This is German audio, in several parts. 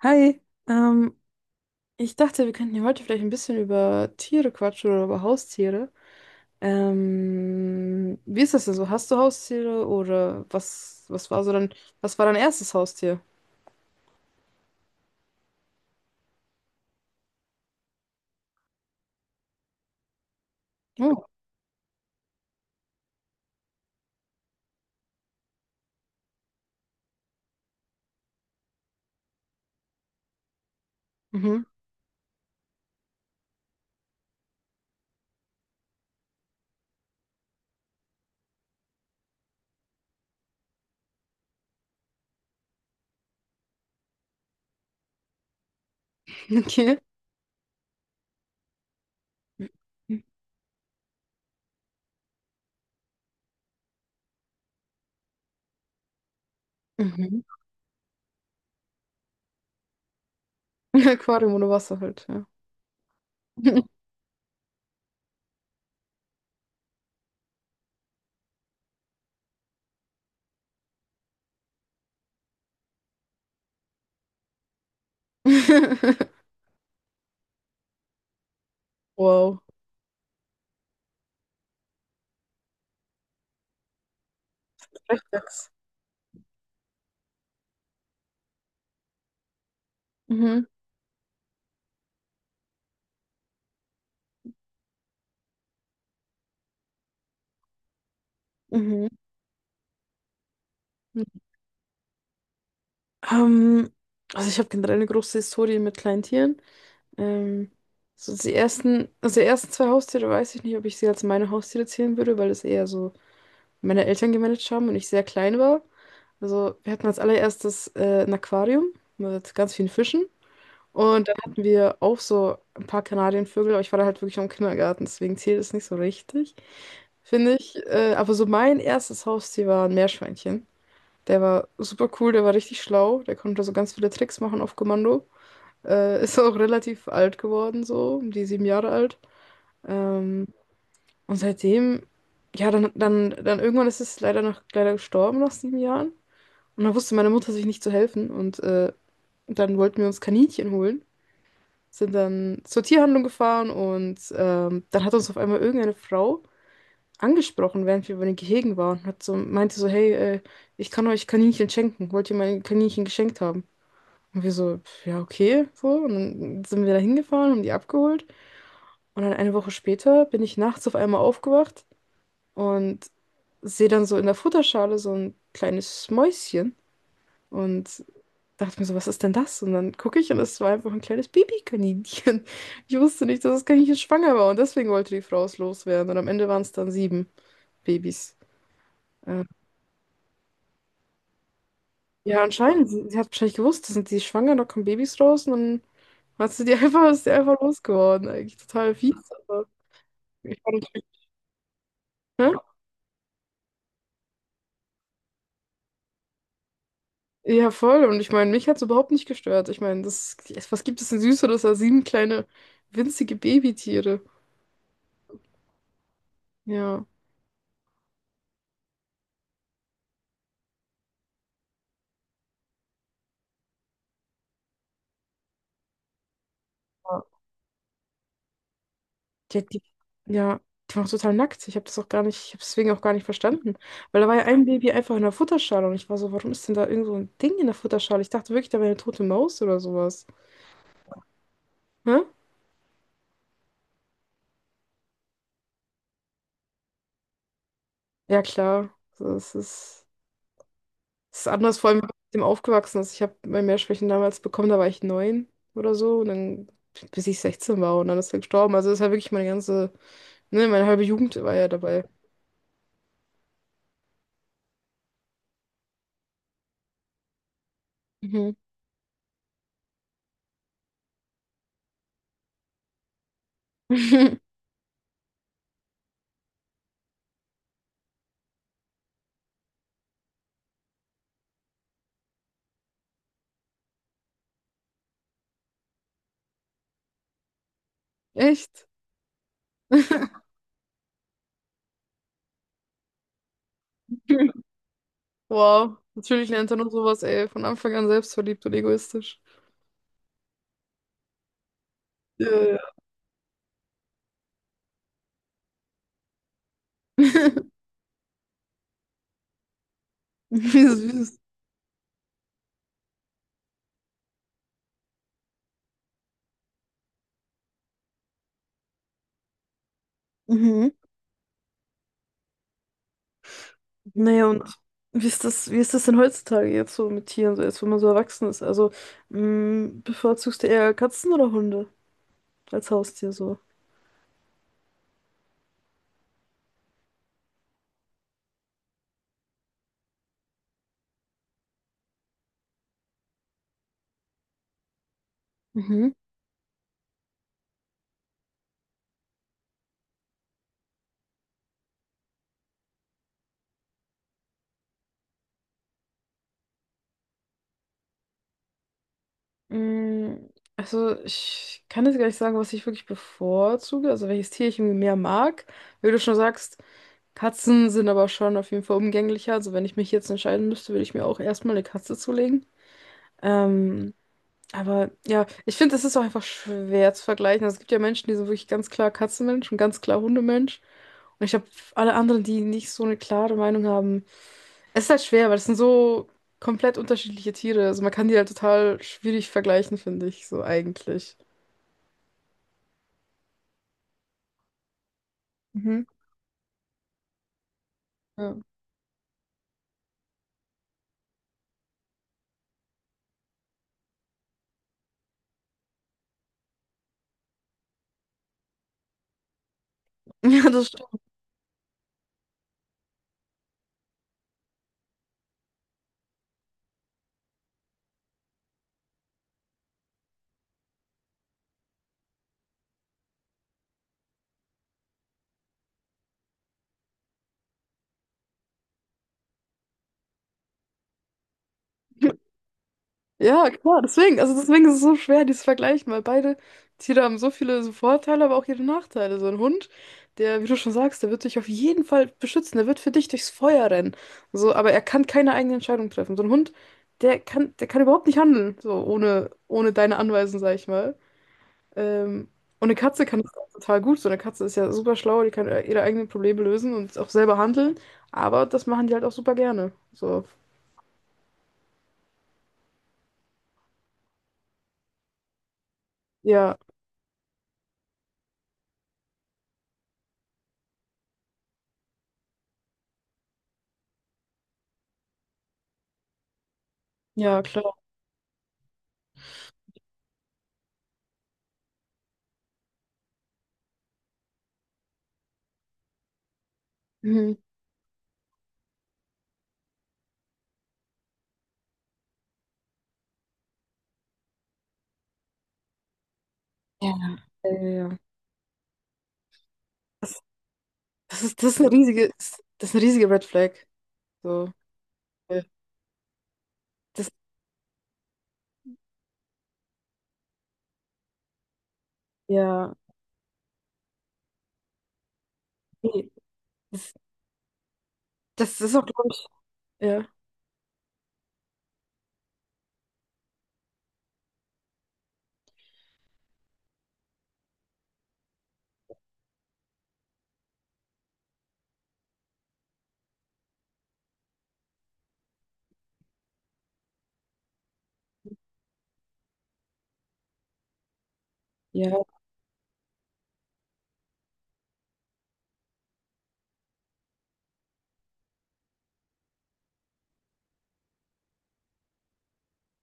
Hi, ähm, ich dachte, wir könnten hier heute vielleicht ein bisschen über Tiere quatschen oder über Haustiere. Wie ist das denn so? Hast du Haustiere oder was war so was war dein erstes Haustier? Oh, mhm, okay. Mhm. Aquarium ohne Wasser halt, ja. Wow. Echt jetzt? Mhm, mhm. Ähm, also ich habe generell eine große Historie mit kleinen Tieren. Ähm, so die ersten, also die ersten zwei Haustiere weiß ich nicht, ob ich sie als meine Haustiere zählen würde, weil das eher so meine Eltern gemanagt haben und ich sehr klein war. Also wir hatten als allererstes ein Aquarium mit ganz vielen Fischen. Und dann hatten wir auch so ein paar Kanarienvögel, aber ich war da halt wirklich noch im Kindergarten, deswegen zählt es nicht so richtig, finde ich. Aber so mein erstes Haustier war ein Meerschweinchen. Der war super cool, der war richtig schlau, der konnte so ganz viele Tricks machen auf Kommando. Ist auch relativ alt geworden, so, um die sieben Jahre alt. Ähm, und seitdem, ja, dann irgendwann ist es leider noch leider gestorben nach sieben Jahren. Und dann wusste meine Mutter sich nicht zu helfen. Und dann wollten wir uns Kaninchen holen. Sind dann zur Tierhandlung gefahren und dann hat uns auf einmal irgendeine Frau angesprochen, während wir über den Gehegen waren. Hat so, meinte so, hey, ich kann euch Kaninchen schenken. Wollt ihr meine Kaninchen geschenkt haben? Und wir so, ja, okay, so. Und dann sind wir da hingefahren, haben die abgeholt. Und dann eine Woche später bin ich nachts auf einmal aufgewacht und sehe dann so in der Futterschale so ein kleines Mäuschen und dachte mir so, was ist denn das? Und dann gucke ich und es war einfach ein kleines Babykaninchen. Ich wusste nicht, dass das Kaninchen schwanger war und deswegen wollte die Frau es loswerden. Und am Ende waren es dann sieben Babys. Äh, ja, anscheinend. Sie hat wahrscheinlich gewusst, da sind die schwanger, da kommen Babys raus und dann hat sie die einfach, ist die einfach losgeworden. Eigentlich total fies, aber ich war natürlich. Hä? Ja, voll. Und ich meine, mich hat es überhaupt nicht gestört. Ich meine, das, was gibt es denn Süßeres als sieben kleine, winzige Babytiere? Ja. Ja. Die, die, Ja, die waren auch total nackt. Ich habe das auch gar nicht, ich habe deswegen auch gar nicht verstanden. Weil da war ja ein Baby einfach in der Futterschale und ich war so, warum ist denn da irgend so ein Ding in der Futterschale? Ich dachte wirklich, da wäre eine tote Maus oder sowas. Hä? Ja, klar. Das ist. Das ist anders, vor allem, wenn man mit dem aufgewachsen ist. Ich habe mein Mehrschwächen damals bekommen, da war ich neun oder so. Und dann, bis ich 16 war und dann ist er gestorben. Also das ist ja wirklich meine ganze, ne, meine halbe Jugend war ja dabei. Mhm. Echt? Wow. Natürlich lernt er nur sowas, ey, von Anfang an selbstverliebt und egoistisch. Ja, ja. Wie süß. Mhm. Naja, und wie ist das denn heutzutage jetzt so mit Tieren, so jetzt, wenn man so erwachsen ist? Also, mh, bevorzugst du eher Katzen oder Hunde? Als Haustier so. Mhm. Mm, also ich kann jetzt gar nicht sagen, was ich wirklich bevorzuge, also welches Tier ich irgendwie mehr mag. Wie du schon sagst, Katzen sind aber schon auf jeden Fall umgänglicher. Also wenn ich mich jetzt entscheiden müsste, würde ich mir auch erstmal eine Katze zulegen. Ähm, aber ja, ich finde, das ist auch einfach schwer zu vergleichen. Also, es gibt ja Menschen, die sind wirklich ganz klar Katzenmensch und ganz klar Hundemensch. Und ich habe alle anderen, die nicht so eine klare Meinung haben. Es ist halt schwer, weil es sind so komplett unterschiedliche Tiere. Also man kann die halt total schwierig vergleichen, finde ich, so eigentlich. Mhm. Ja. Ja, das stimmt. Ja, klar, deswegen, also deswegen ist es so schwer, die zu vergleichen, weil beide Tiere haben so viele so Vorteile, aber auch ihre Nachteile. So ein Hund, der, wie du schon sagst, der wird dich auf jeden Fall beschützen, der wird für dich durchs Feuer rennen. So, aber er kann keine eigene Entscheidung treffen. So ein Hund, der kann überhaupt nicht handeln, so ohne deine Anweisung, sag ich mal. Ähm, und eine Katze kann das auch total gut. So eine Katze ist ja super schlau, die kann ihre eigenen Probleme lösen und auch selber handeln. Aber das machen die halt auch super gerne. So, ja, ja, klar. Mhm. Ja. Ja, ja, ja. Das, das ist eine riesige, das ist eine riesige Red Flag. So, äh, das, ja, nee, das, das das ist auch, glaube ich, ja. Ja.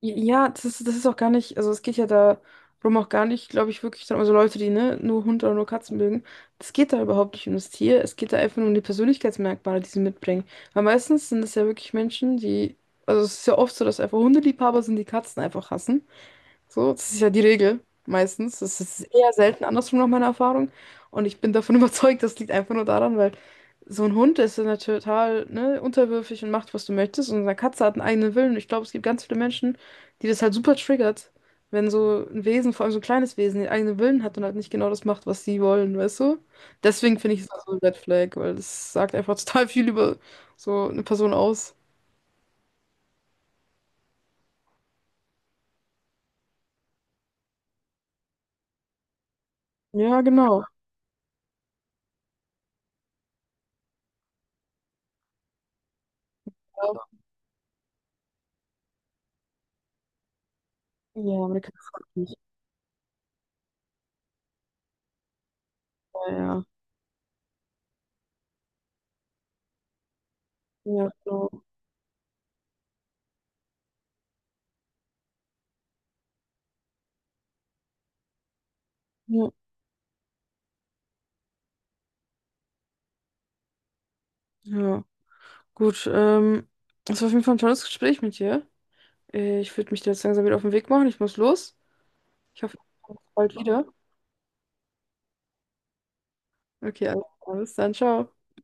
Ja, das ist auch gar nicht, also es geht ja darum auch gar nicht, glaube ich, wirklich dann, also Leute, die ne, nur Hunde oder nur Katzen mögen, das geht da überhaupt nicht um das Tier, es geht da einfach nur um die Persönlichkeitsmerkmale, die sie mitbringen. Weil meistens sind es ja wirklich Menschen, die, also es ist ja oft so, dass einfach Hundeliebhaber sind, die Katzen einfach hassen. So, das ist ja die Regel meistens. Das ist eher selten andersrum nach meiner Erfahrung. Und ich bin davon überzeugt, das liegt einfach nur daran, weil so ein Hund ist ja total, ne, unterwürfig und macht, was du möchtest. Und eine Katze hat einen eigenen Willen. Und ich glaube, es gibt ganz viele Menschen, die das halt super triggert, wenn so ein Wesen, vor allem so ein kleines Wesen, den eigenen Willen hat und halt nicht genau das macht, was sie wollen, weißt du? Deswegen finde ich es auch so ein Red Flag, weil das sagt einfach total viel über so eine Person aus. Ja, genau. Ja, Amerikaner. Ja, ja. Ja, genau. Ja. Ja, gut. Das war auf jeden Fall ein tolles Gespräch mit dir. Ich würde mich da jetzt langsam wieder auf den Weg machen. Ich muss los. Ich hoffe, wir sehen uns bald wieder. Okay, alles dann, ciao.